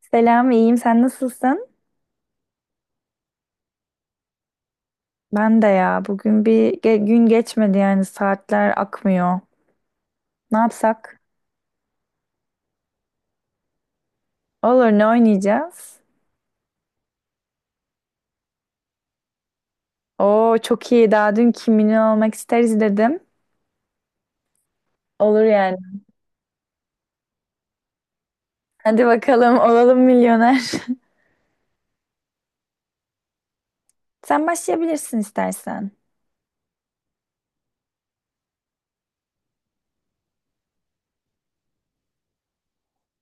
Selam, iyiyim. Sen nasılsın? Ben de ya. Bugün gün geçmedi yani saatler akmıyor. Ne yapsak? Olur, ne oynayacağız? Oo, çok iyi. Daha dün Kim Milyon Olmak isteriz dedim. Olur yani. Hadi bakalım olalım milyoner. Sen başlayabilirsin istersen.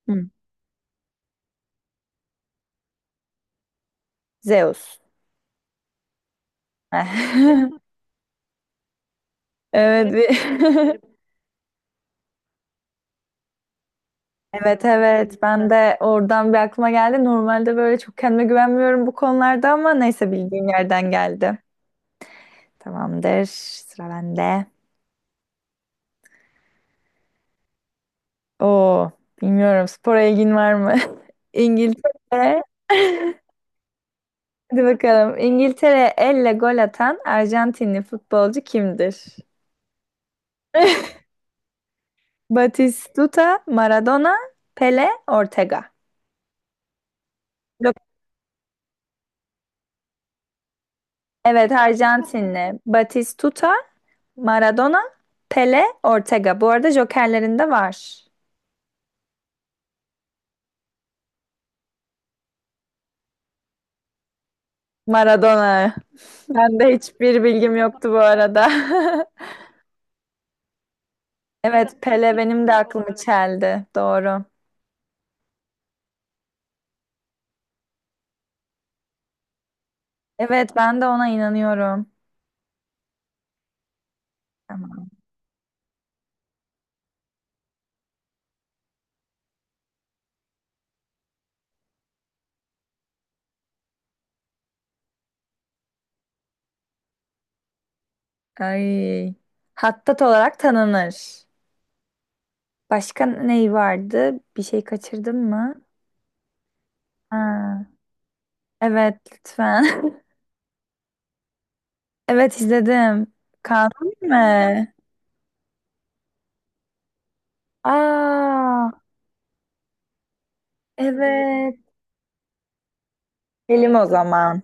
Hı. Zeus. Heh. Evet. Evet. Ben de oradan bir aklıma geldi. Normalde böyle çok kendime güvenmiyorum bu konularda ama neyse bildiğim yerden geldi. Tamamdır. Sıra bende. Oo, bilmiyorum. Spora ilgin var mı? İngiltere. Hadi bakalım. İngiltere elle gol atan Arjantinli futbolcu kimdir? Batistuta, Maradona, Pele, Ortega. Yok. Evet, Arjantinli. Batistuta, Maradona, Pele, Ortega. Bu arada jokerlerinde var. Maradona. Ben de hiçbir bilgim yoktu bu arada. Evet, Pele benim de aklımı çeldi. Doğru. Evet, ben de ona inanıyorum. Tamam. Ay. Hattat olarak tanınır. Başka neyi vardı? Bir şey kaçırdım mı? Ha. Evet, lütfen. Evet, izledim. Kanun mi? Aa, evet. Selim o zaman.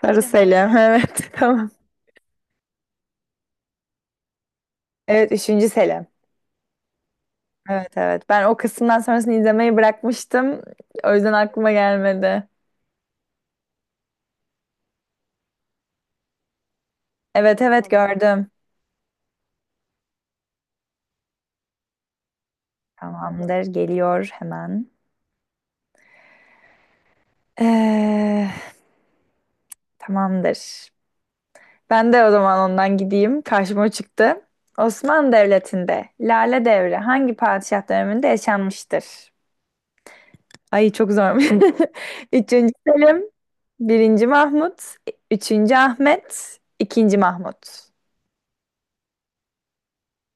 Sarı Selim. Evet, tamam. Evet, üçüncü Selim. Evet. Ben o kısımdan sonrasını izlemeyi bırakmıştım. O yüzden aklıma gelmedi. Evet, tamam, gördüm. Tamamdır, geliyor hemen. Ee, Tamamdır. Ben de o zaman ondan gideyim. Karşıma o çıktı. Osmanlı Devleti'nde Lale Devri hangi padişah döneminde yaşanmıştır? Ay çok zor. Üçüncü Selim, birinci Mahmut, üçüncü Ahmet, ikinci Mahmut.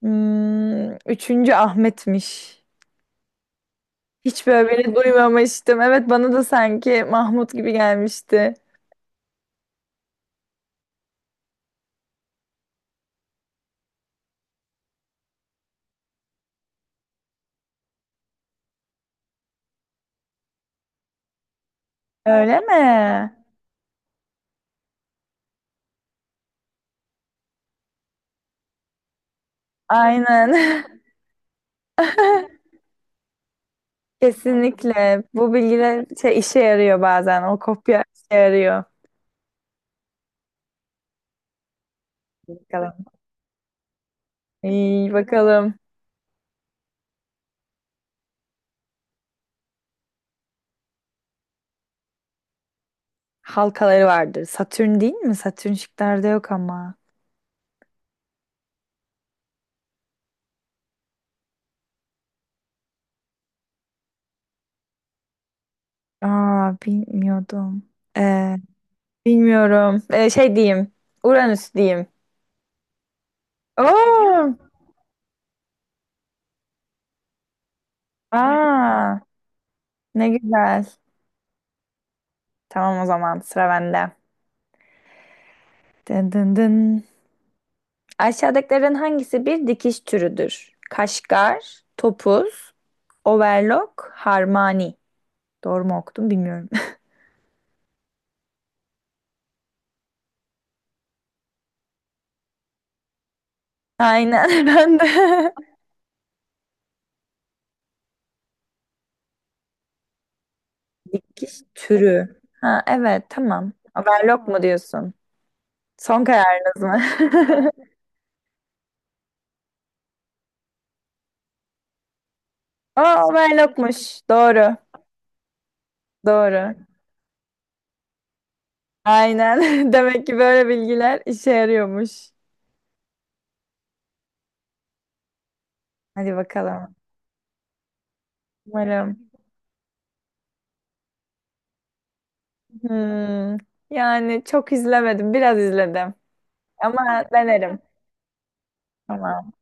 Üçüncü Ahmet'miş. Hiç böyle beni duymamıştım. Evet bana da sanki Mahmut gibi gelmişti. Öyle mi? Aynen. Kesinlikle. Bu bilgiler şey, işe yarıyor bazen. O kopya işe yarıyor. Bakalım. İyi bakalım. Halkaları vardır. Satürn değil mi? Satürn şıklarda yok ama. Aa, bilmiyordum. Ee, bilmiyorum. Şey diyeyim. Uranüs diyeyim. Oo! Aa, ne güzel. Tamam, o zaman sıra bende. Dın dın dın. Aşağıdakilerin hangisi bir dikiş türüdür? Kaşgar, topuz, overlock, harmani. Doğru mu okudum bilmiyorum. Aynen, ben de. Dikiş türü. Ha, evet, tamam. Overlock mu diyorsun? Son kararınız mı? Aa, overlockmuş. Doğru. Doğru. Aynen. Demek ki böyle bilgiler işe yarıyormuş. Hadi bakalım. Umarım. Hmm. Yani çok izlemedim. Biraz izledim. Ama denerim. Tamam.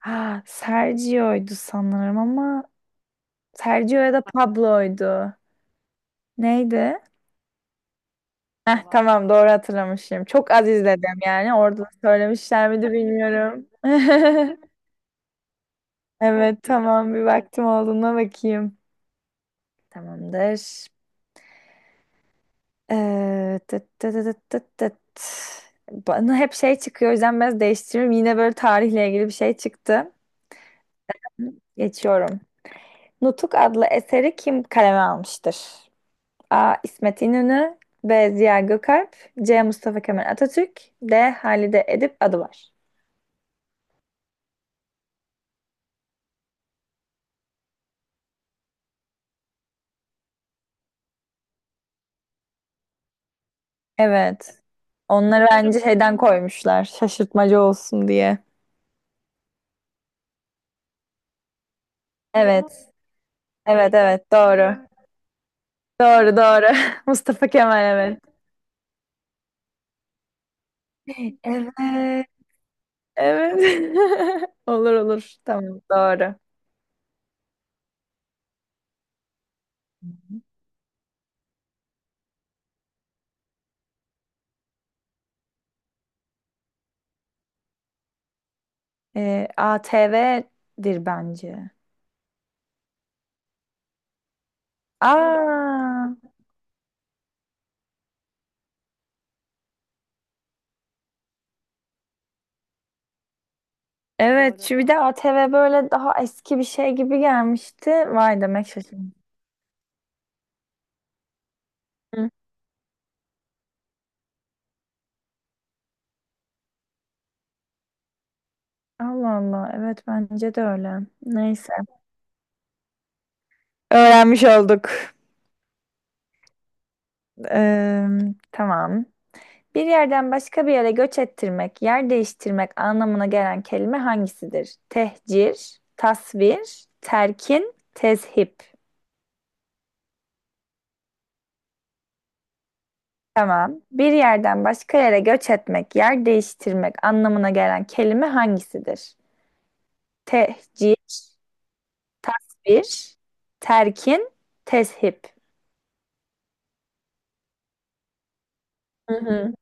Ha, Sergio'ydu sanırım ama Sergio ya da Pablo'ydu. Neydi? Heh, tamam, doğru hatırlamışım. Çok az izledim yani. Orada söylemişler miydi bilmiyorum. Evet, tamam, bir vaktim olduğuna bakayım. Tamamdır. Tıt tıt tıt tıt tıt. Bana hep şey çıkıyor, o yüzden biraz değiştiriyorum. Yine böyle tarihle ilgili bir şey çıktı. Geçiyorum. Nutuk adlı eseri kim kaleme almıştır? A. İsmet İnönü, B. Ziya Gökalp, C. Mustafa Kemal Atatürk, D. Halide Edip Adıvar. Evet. Onları bence şeyden koymuşlar. Şaşırtmacı olsun diye. Evet. Evet, doğru. Doğru. Mustafa Kemal, evet. Evet. Evet. Olur olur. Tamam, doğru. ATV'dir bence. Doğru. Aa, evet, doğru. Şu bir de ATV böyle daha eski bir şey gibi gelmişti. Vay, demek şaşırdım. Hı. Allah Allah, evet, bence de öyle. Neyse. Öğrenmiş olduk. Ee, tamam. Bir yerden başka bir yere göç ettirmek, yer değiştirmek anlamına gelen kelime hangisidir? Tehcir, tasvir, terkin, tezhip. Tamam. Bir yerden başka yere göç etmek, yer değiştirmek anlamına gelen kelime hangisidir? Tehcir, tasvir, terkin, teship. Hı hı.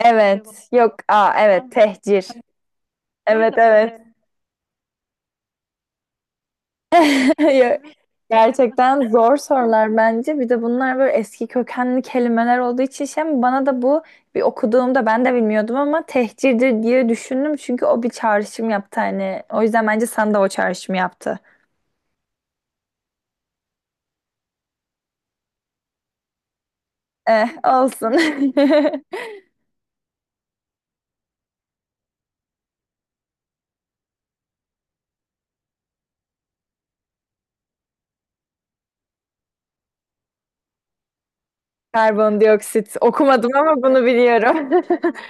Evet. Yok. Aa, evet. Tehcir. Evet, evet. Yok. Gerçekten zor sorular bence. Bir de bunlar böyle eski kökenli kelimeler olduğu için şey, bana da bu bir okuduğumda ben de bilmiyordum ama tehcirdir diye düşündüm. Çünkü o bir çağrışım yaptı hani. O yüzden bence sana da o çağrışımı yaptı. Eh, olsun. Karbondioksit. Okumadım ama bunu biliyorum.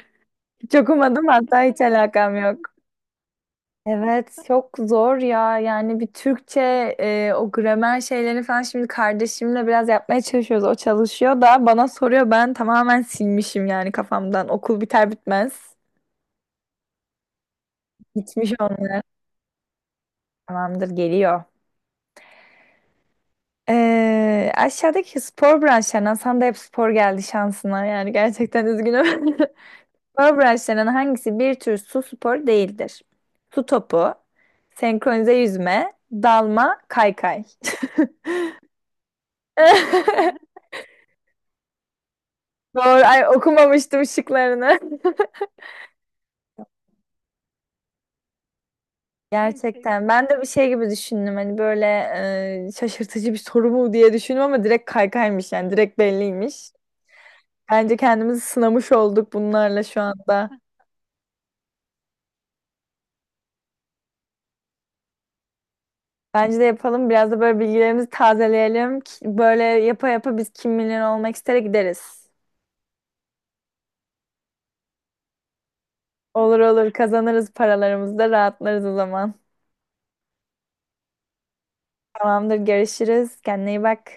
Çok umadım hatta, hiç alakam yok. Evet, çok zor ya. Yani bir Türkçe o gramer şeylerini falan şimdi kardeşimle biraz yapmaya çalışıyoruz. O çalışıyor da bana soruyor. Ben tamamen silmişim yani kafamdan. Okul biter bitmez. Gitmiş olmuş, tamamdır, geliyor. Aşağıdaki spor branşlarından sana da hep spor geldi şansına. Yani gerçekten üzgünüm. Powerbraçlarının hangisi bir tür su spor değildir? Su topu, senkronize yüzme, dalma, kaykay. Doğru. Ay, okumamıştım şıklarını. Gerçekten. Ben de bir şey gibi düşündüm. Hani böyle şaşırtıcı bir soru mu diye düşündüm ama direkt kaykaymış yani. Direkt belliymiş. Bence kendimizi sınamış olduk bunlarla şu anda. Bence de yapalım. Biraz da böyle bilgilerimizi tazeleyelim. Böyle yapa yapa biz Kim Milyoner Olmak istere gideriz. Olur olur, kazanırız paralarımızı da rahatlarız o zaman. Tamamdır, görüşürüz. Kendine iyi bak.